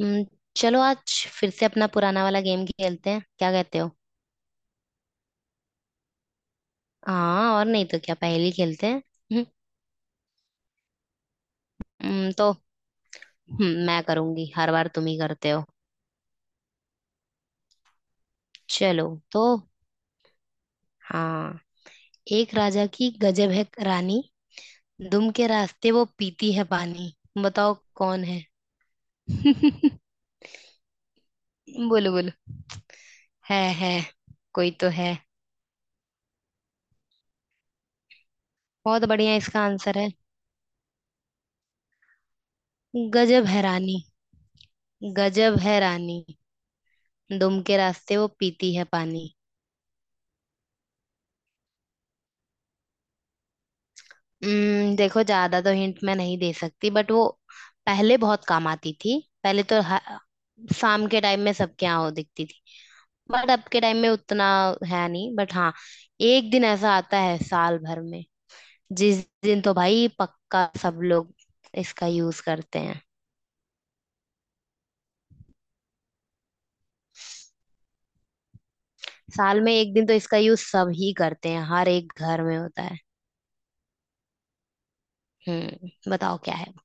हम्म, चलो आज फिर से अपना पुराना वाला गेम खेलते हैं। क्या कहते हो? हाँ, और नहीं तो क्या पहेली खेलते हैं। हम्म, तो मैं करूंगी। हर बार तुम ही करते हो। चलो। तो हाँ। एक राजा की गजब है रानी। दुम के रास्ते वो पीती है पानी। बताओ कौन है। बोलो बोलो। है। कोई तो है। बहुत बढ़िया इसका आंसर है। गजब है रानी। गजब है रानी। दुम के रास्ते वो पीती है पानी। देखो, ज्यादा तो हिंट मैं नहीं दे सकती, बट वो पहले बहुत काम आती थी। पहले तो ह- शाम के टाइम में सबके यहाँ वो दिखती थी। बट अब के टाइम में उतना है नहीं। बट हाँ, एक दिन ऐसा आता है साल भर में, जिस दिन तो भाई पक्का सब लोग इसका यूज करते हैं। साल में एक दिन तो इसका यूज सब ही करते हैं। हर एक घर में होता है। हम्म, बताओ क्या है वो?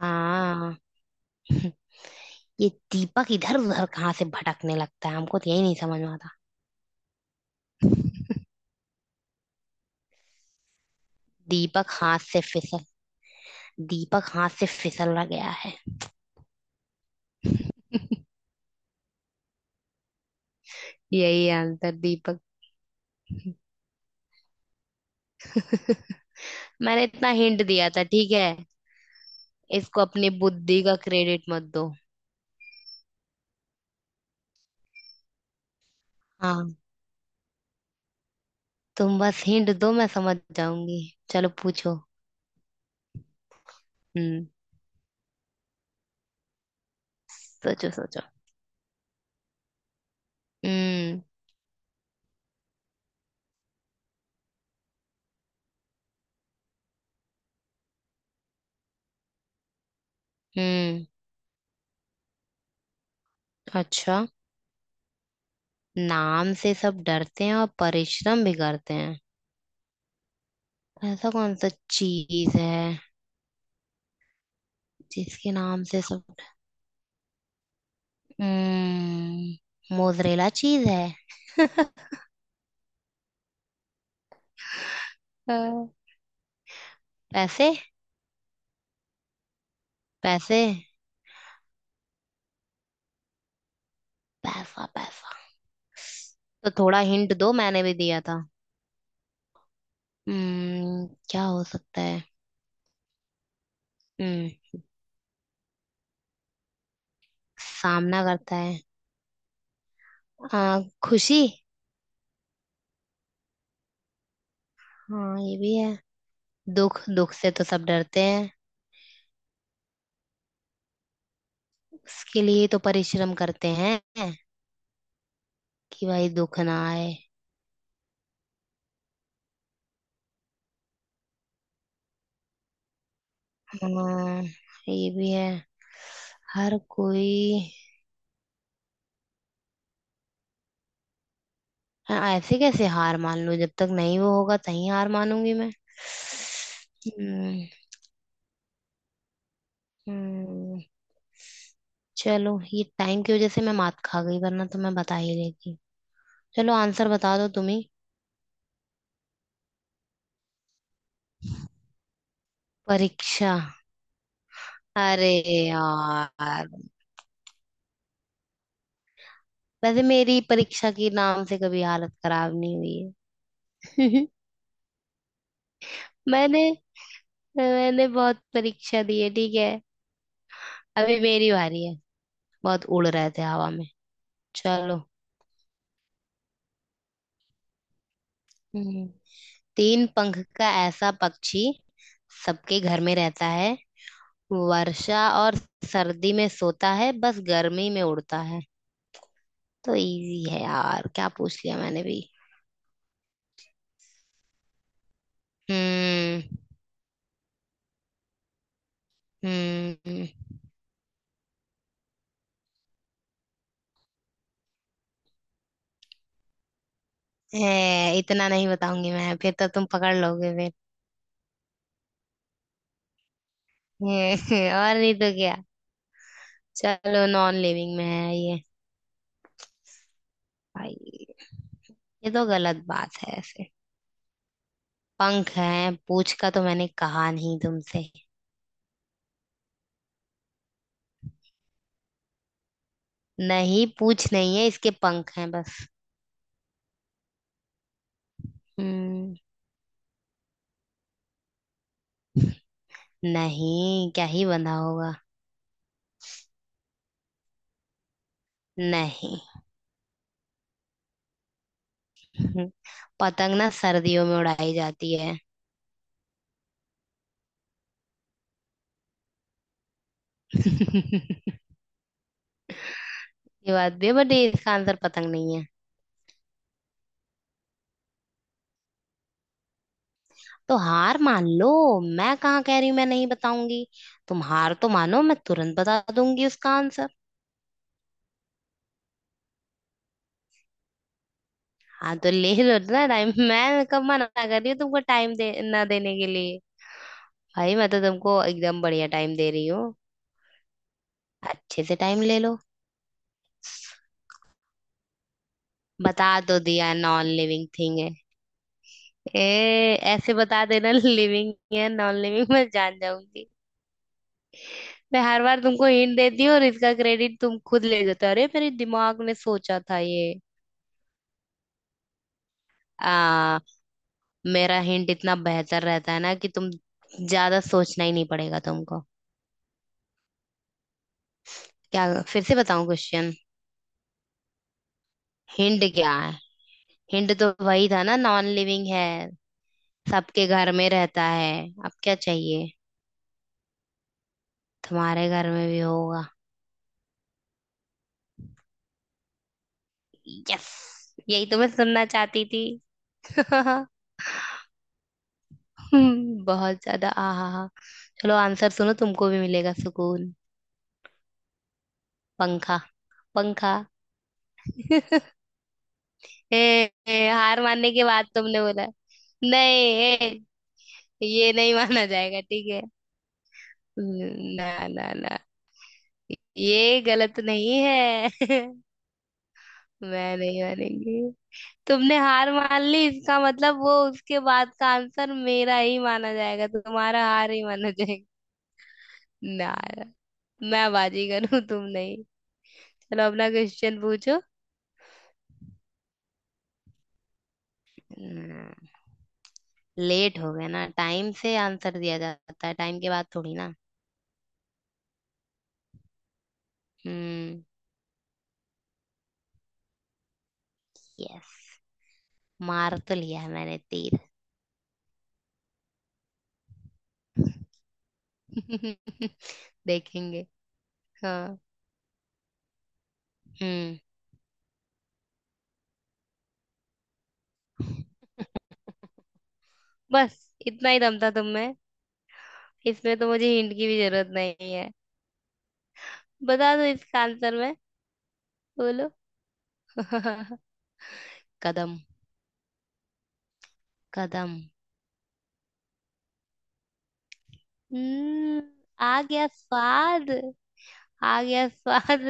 हाँ। ये दीपक इधर उधर कहाँ से भटकने लगता है, हमको तो यही नहीं समझ में आता। दीपक हाथ से फिसल दीपक हाथ से फिसल गया है। यही आंसर, दीपक। मैंने इतना हिंट दिया था, ठीक है। इसको अपनी बुद्धि का क्रेडिट मत दो। हाँ, तुम बस हिंट दो, मैं समझ जाऊंगी। चलो पूछो। हम्म। सोचो सोचो। हम्म। हम्म। अच्छा, नाम से सब डरते हैं और परिश्रम भी करते हैं। ऐसा कौन सा चीज है जिसके नाम से सब। हम्म, मोजरेला चीज है। हाँ। पैसे। पैसे। पैसा पैसा। तो थोड़ा हिंट दो, मैंने भी दिया था। हम्म, क्या हो सकता है। हम्म, सामना करता है। आ, खुशी। हाँ, ये भी है। दुख। दुख से तो सब डरते हैं। उसके लिए तो परिश्रम करते हैं कि भाई दुख ना आए। हाँ, ये भी है। हर कोई। हाँ, ऐसे कैसे हार मान लूं। जब तक नहीं वो होगा तभी हार मानूंगी मैं। हम्म। हम्म। चलो, ये टाइम की वजह से मैं मात खा गई, वरना तो मैं बता ही देती। चलो आंसर बता दो तुम्ही। परीक्षा। अरे यार, वैसे मेरी परीक्षा के नाम से कभी हालत खराब नहीं हुई है। मैंने मैंने बहुत परीक्षा दी है, ठीक है। अभी मेरी बारी है। बहुत उड़ रहे थे हवा में। चलो। हम्म। तीन पंख का ऐसा पक्षी, सबके घर में रहता है। वर्षा और सर्दी में सोता है, बस गर्मी में उड़ता है। तो इजी है यार, क्या पूछ लिया मैंने भी। हम्म। हम्म। ए, इतना नहीं बताऊंगी मैं, फिर तो तुम पकड़ लोगे फिर। और नहीं तो क्या। चलो, नॉन लिविंग में है ये। भाई, ये तो गलत बात है ऐसे। पंख हैं, पूछ का तो मैंने कहा नहीं तुमसे। नहीं, पूछ नहीं है इसके, पंख हैं बस। हम्म। नहीं, क्या ही बंधा होगा। नहीं। पतंग ना सर्दियों में उड़ाई जाती है। ये बात भी है, बट ये इसका आंसर पतंग नहीं है। तो हार मान लो। मैं कहाँ कह रही हूँ मैं नहीं बताऊंगी। तुम हार तो मानो, मैं तुरंत बता दूंगी उसका आंसर। हाँ तो ले लो ना टाइम, मैं कब मना कर रही हूँ तुमको टाइम दे ना देने के लिए। भाई मैं तो तुमको एकदम बढ़िया टाइम दे रही हूँ। अच्छे से टाइम ले लो। बता दो दिया, नॉन लिविंग थिंग है। ए, ऐसे बता देना लिविंग है नॉन लिविंग, मैं जान जाऊंगी। मैं हर बार तुमको हिंट देती हूँ और इसका क्रेडिट तुम खुद ले जाते हो। अरे मेरे दिमाग ने सोचा था ये। आ, मेरा हिंट इतना बेहतर रहता है ना कि तुम ज्यादा सोचना ही नहीं पड़ेगा तुमको। क्या, फिर से बताऊं क्वेश्चन? हिंट क्या है। हिंट तो वही था ना, नॉन लिविंग है, सबके घर में रहता है। अब क्या चाहिए। तुम्हारे घर में भी होगा। यस, यही तो मैं सुनना चाहती थी। बहुत ज्यादा आहा हा। चलो आंसर सुनो, तुमको भी मिलेगा सुकून। पंखा। पंखा। ए, ए, हार मानने के बाद तुमने बोला। नहीं, ए, ये नहीं माना जाएगा, ठीक है। ना ना ना। ये गलत नहीं है। मैं नहीं मानेंगी। तुमने हार मान ली, इसका मतलब वो उसके बाद का आंसर मेरा ही माना जाएगा, तुम्हारा हार ही माना जाएगा। ना यार, मैं बाजीगर हूँ, तुम नहीं। चलो अपना क्वेश्चन पूछो। हम्म, लेट हो गया ना। टाइम से आंसर दिया जाता है, टाइम के बाद थोड़ी ना। हम्म। यस। मार तो लिया है मैंने तीर। देखेंगे। हाँ। हम्म। बस इतना ही दम था तुम में। इसमें तो मुझे हिंट की भी जरूरत नहीं है। बता दो इसका आंसर मैं। बोलो। कदम। कदम। हम्म। आ गया स्वाद आ गया स्वाद।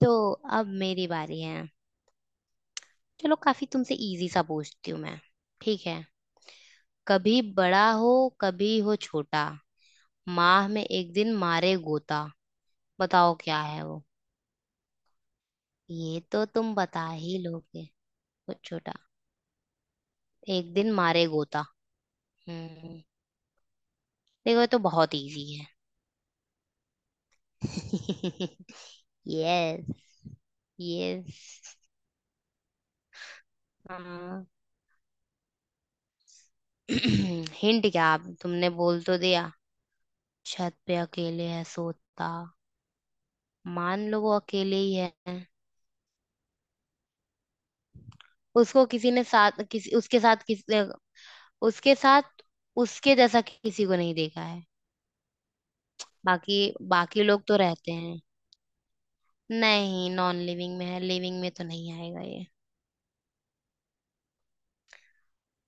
तो अब मेरी बारी है। चलो काफी तुमसे इजी सा पूछती हूँ मैं, ठीक है। कभी बड़ा हो, कभी हो छोटा, माह में एक दिन मारे गोता। बताओ क्या है वो। ये तो तुम बता ही लोगे। कुछ छोटा। एक दिन मारे गोता। हम्म। देखो ये तो बहुत इजी है। यस। यस। हाँ। हिंट क्या आप, तुमने बोल तो दिया, छत पे अकेले है सोता। मान लो वो अकेले ही है। उसको किसी ने साथ किसी उसके साथ किसी उसके साथ उसके जैसा किसी को नहीं देखा है। बाकी बाकी लोग तो रहते हैं। नहीं, नॉन लिविंग में है, लिविंग में तो नहीं आएगा ये।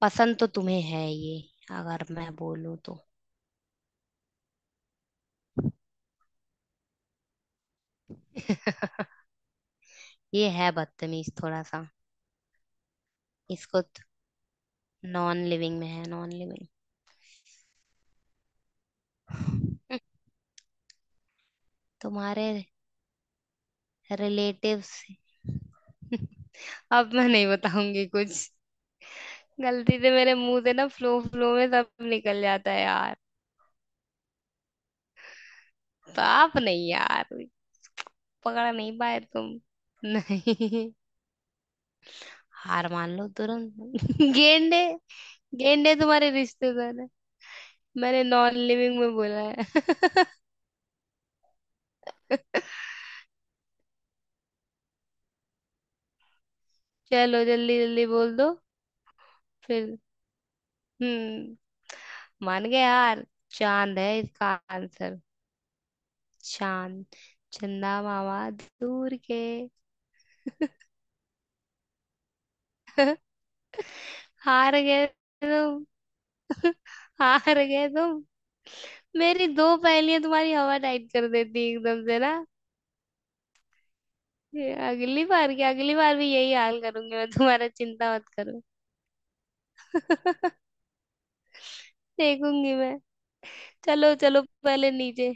पसंद तो तुम्हें है ये, अगर मैं बोलूं तो। ये है बदतमीज थोड़ा सा। इसको। नॉन लिविंग में है, नॉन लिविंग। तुम्हारे रिलेटिव्स। अब मैं नहीं बताऊंगी कुछ। गलती से मेरे मुंह से ना फ्लो फ्लो में सब निकल जाता है यार। पाप नहीं यार। पकड़ नहीं पाए तुम। नहीं। हार मान लो तुरंत। गेंडे। गेंडे तुम्हारे रिश्तेदार है। मैंने नॉन लिविंग में बोला है। चलो जल्दी जल्दी बोल दो। फिर। हम्म। मान गए यार। चांद है इसका आंसर। चांद। चंदा मामा दूर के। हार गए तुम। हार गए तुम। मेरी दो पहेलियां तुम्हारी हवा टाइट कर देती एकदम से ना। ये अगली बार की अगली बार भी यही हाल करूंगी मैं तुम्हारा, चिंता मत करो। देखूंगी मैं। चलो चलो पहले नीचे।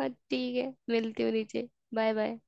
हाँ, ठीक है, मिलती हूँ नीचे। Bye bye.